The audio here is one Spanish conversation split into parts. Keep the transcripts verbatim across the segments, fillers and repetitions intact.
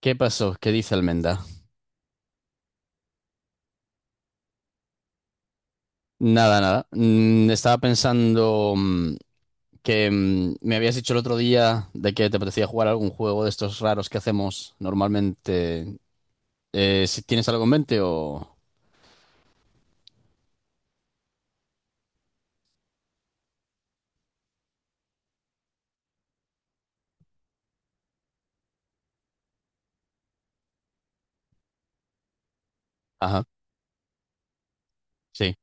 ¿Qué pasó? ¿Qué dice Almenda? Nada, nada. Mm, estaba pensando mm, que mm, me habías dicho el otro día de que te apetecía jugar algún juego de estos raros que hacemos normalmente. Eh, si tienes algo en mente o... Ajá, sí.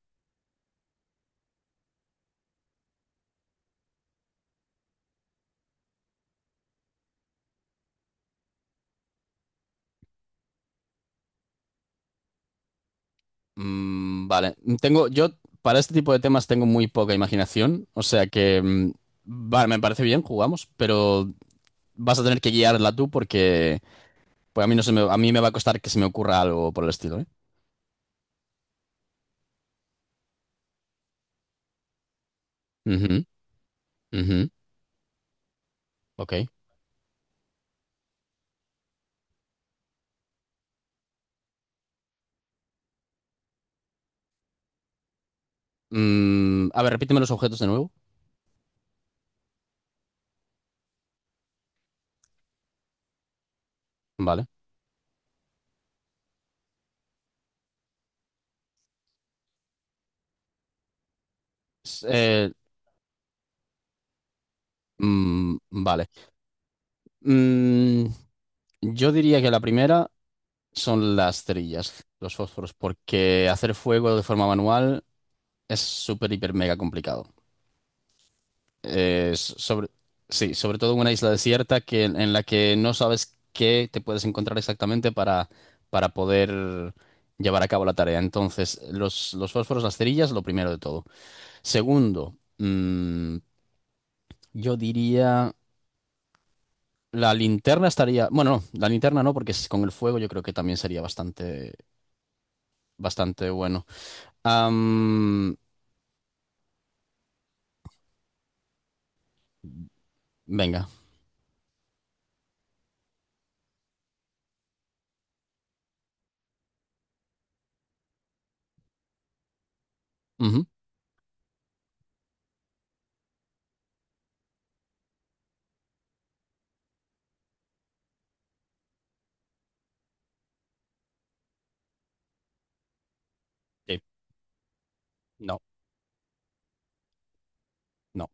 Mm, vale. Tengo, yo para este tipo de temas tengo muy poca imaginación, o sea que... mm, vale, me parece bien, jugamos, pero vas a tener que guiarla tú porque pues a mí no se me, a mí me va a costar que se me ocurra algo por el estilo, ¿eh? Ujú, ujú, ok. Mm, a ver, repíteme los objetos de nuevo. Vale. S- eh, mm, vale. Mm, yo diría que la primera son las cerillas, los fósforos, porque hacer fuego de forma manual es súper, hiper, mega complicado. Eh, sobre, sí, sobre todo en una isla desierta que, en la que no sabes qué te puedes encontrar exactamente para, para poder llevar a cabo la tarea. Entonces, los, los fósforos, las cerillas, lo primero de todo. Segundo, mm, yo diría... La linterna estaría. Bueno, no, la linterna no, porque con el fuego yo creo que también sería bastante, bastante bueno. Am, Venga. Ujú. Sí. No, no.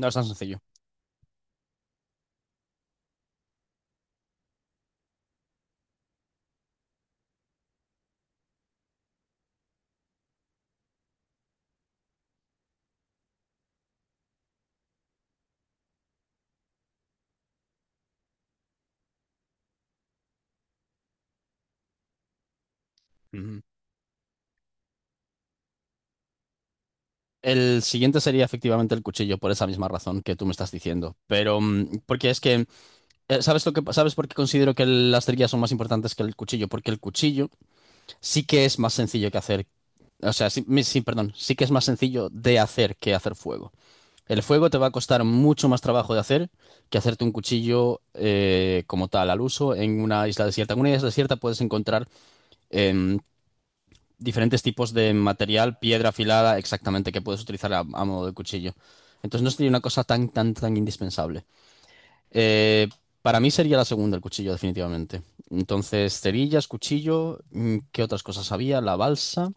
No es tan sencillo. Ujú. El siguiente sería efectivamente el cuchillo, por esa misma razón que tú me estás diciendo. Pero, mm, porque es que, eh, ¿sabes lo que, sabes por qué considero que las trillas son más importantes que el cuchillo? Porque el cuchillo sí que es más sencillo que hacer, o sea, sí, mi- sí, perdón, sí que es más sencillo de hacer que hacer fuego. El fuego te va a costar mucho más trabajo de hacer que hacerte un cuchillo eh, como tal al uso en una isla desierta. En una isla desierta puedes encontrar em, diferentes tipos de material, piedra afilada, exactamente, que puedes utilizar a, a modo de cuchillo. Entonces no sería una cosa tan, tan, tan indispensable. Eh, para mí sería la segunda, el cuchillo, definitivamente. Entonces, cerillas, cuchillo, mm, ¿qué otras cosas había? La balsa,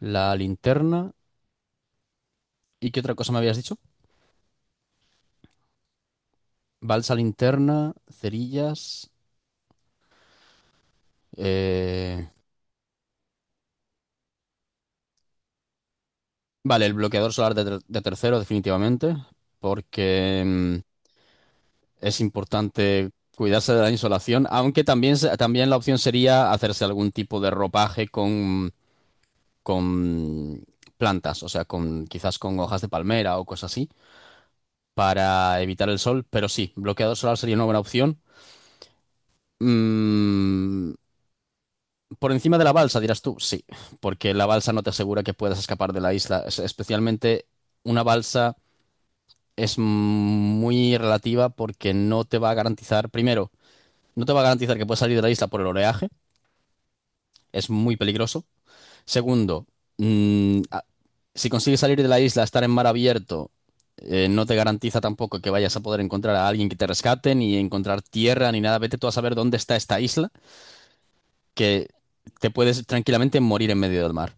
la linterna. ¿Y qué otra cosa me habías dicho? Balsa, linterna, cerillas. Eh, vale, el bloqueador solar de, ter- de tercero, definitivamente, porque mm, es importante cuidarse de la insolación, aunque también, se- también la opción sería hacerse algún tipo de ropaje con, con plantas, o sea, con, quizás con hojas de palmera o cosas así, para evitar el sol, pero sí, bloqueador solar sería una buena opción. Mm, por encima de la balsa, dirás tú, sí, porque la balsa no te asegura que puedas escapar de la isla, es- especialmente una balsa es muy relativa porque no te va a garantizar, primero, no te va a garantizar que puedes salir de la isla por el oleaje, es muy peligroso. Segundo, mm, a- si consigues salir de la isla, estar en mar abierto, eh, no te garantiza tampoco que vayas a poder encontrar a alguien que te rescate, ni encontrar tierra, ni nada. Vete tú a saber dónde está esta isla, que te puedes tranquilamente morir en medio del mar.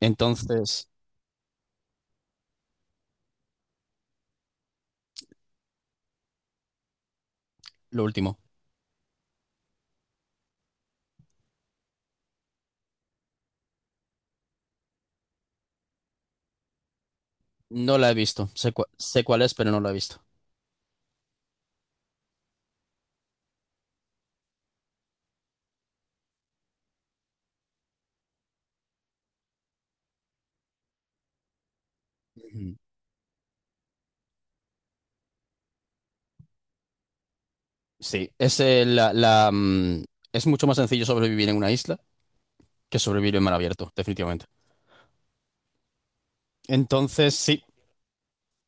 Entonces, lo último, no la he visto. Sé, cua- sé cuál es, pero no la he visto. Sí, es, eh, la, la, mm, Es mucho más sencillo sobrevivir en una isla que sobrevivir en mar abierto, definitivamente. Entonces, sí.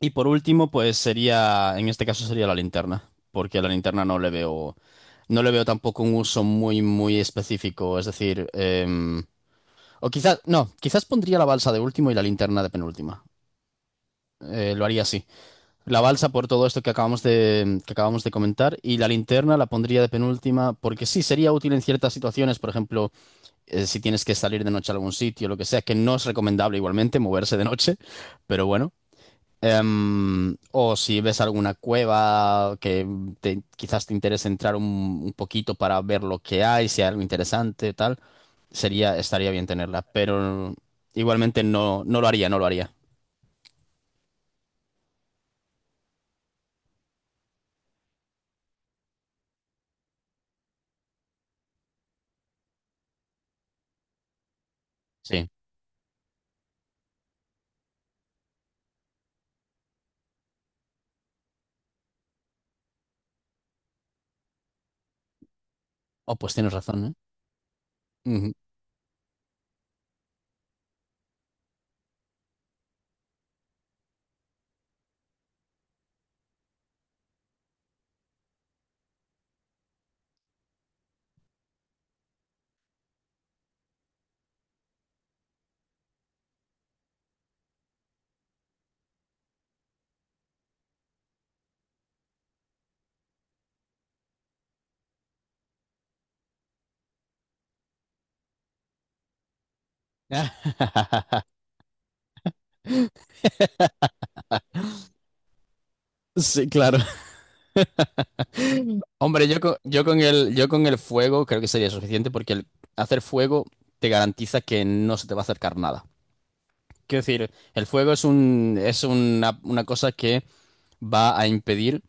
Y por último, pues sería, en este caso sería la linterna, porque a la linterna no le veo, no le veo tampoco un uso muy, muy específico. Es decir, em, o quizás, no, quizás pondría la balsa de último y la linterna de penúltima. Eh, lo haría así. La balsa por todo esto que acabamos de, que acabamos de comentar y la linterna la pondría de penúltima porque sí sería útil en ciertas situaciones, por ejemplo. Eh, si tienes que salir de noche a algún sitio, lo que sea, que no es recomendable igualmente moverse de noche, pero bueno. Em, o si ves alguna cueva que te- quizás te interese entrar un, un poquito para ver lo que hay, si hay algo interesante, tal, sería, estaría bien tenerla, pero igualmente no, no lo haría, no lo haría. Sí. Oh, pues tienes razón, ¿eh? Ujú. Sí, claro. Hombre, yo con, yo con el, yo con el fuego creo que sería suficiente porque el hacer fuego te garantiza que no se te va a acercar nada. Quiero decir, el fuego es un, es una, una cosa que va a impedir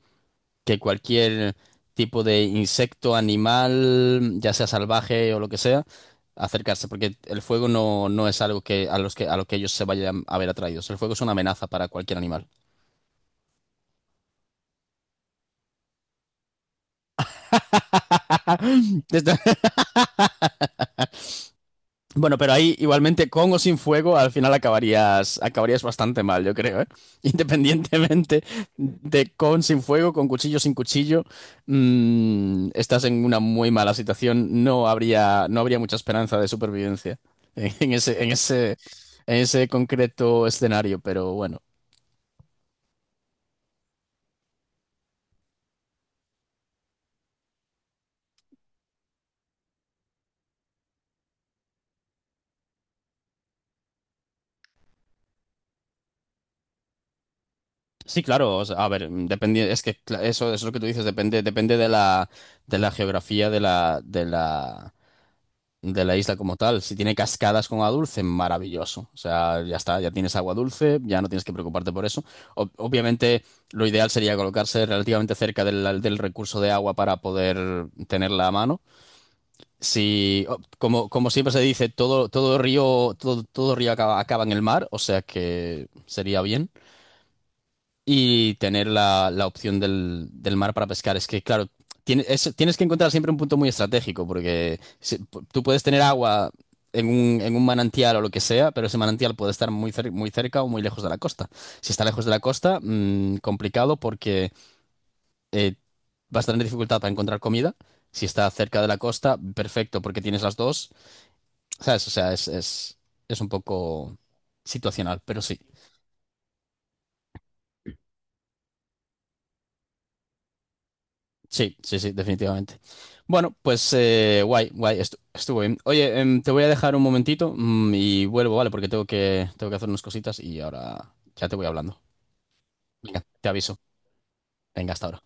que cualquier tipo de insecto, animal, ya sea salvaje o lo que sea, acercarse, porque el fuego no, no es algo que a los que a lo que ellos se vayan a ver atraídos. El fuego es una amenaza para cualquier animal. Bueno, pero ahí igualmente con o sin fuego al final acabarías, acabarías bastante mal, yo creo, ¿eh? Independientemente de con, sin fuego, con cuchillo, sin cuchillo, mm, estás en una muy mala situación. No habría, no habría mucha esperanza de supervivencia en, en ese, en ese, en ese concreto escenario, pero bueno. Sí, claro, o sea, a ver, depende, es que cla- eso, eso es lo que tú dices, depende, depende de la, de la geografía de la, de la, de la isla como tal. Si tiene cascadas con agua dulce, maravilloso. O sea, ya está, ya tienes agua dulce, ya no tienes que preocuparte por eso. Ob- obviamente, lo ideal sería colocarse relativamente cerca del, del recurso de agua para poder tenerla a mano. Si, o- Como, como siempre se dice, todo, todo río, todo, todo río acaba, acaba en el mar, o sea que sería bien y tener la, la opción del, del mar para pescar. Es que, claro, tiene- es- tienes que encontrar siempre un punto muy estratégico, porque se- pu- tú puedes tener agua en un, en un manantial o lo que sea, pero ese manantial puede estar muy, cer- muy cerca o muy lejos de la costa. Si está lejos de la costa, mm, complicado porque eh, vas a tener dificultad para encontrar comida. Si está cerca de la costa, perfecto, porque tienes las dos. ¿Sabes? O sea, es, es, es un poco situacional, pero sí. Sí, sí, sí, definitivamente. Bueno, pues eh, guay, guay, estu- estuvo bien. Oye, em, te voy a dejar un momentito mm, y vuelvo, ¿vale? Porque tengo que, tengo que hacer unas cositas y ahora ya te voy hablando. Venga, te aviso. Venga, hasta ahora.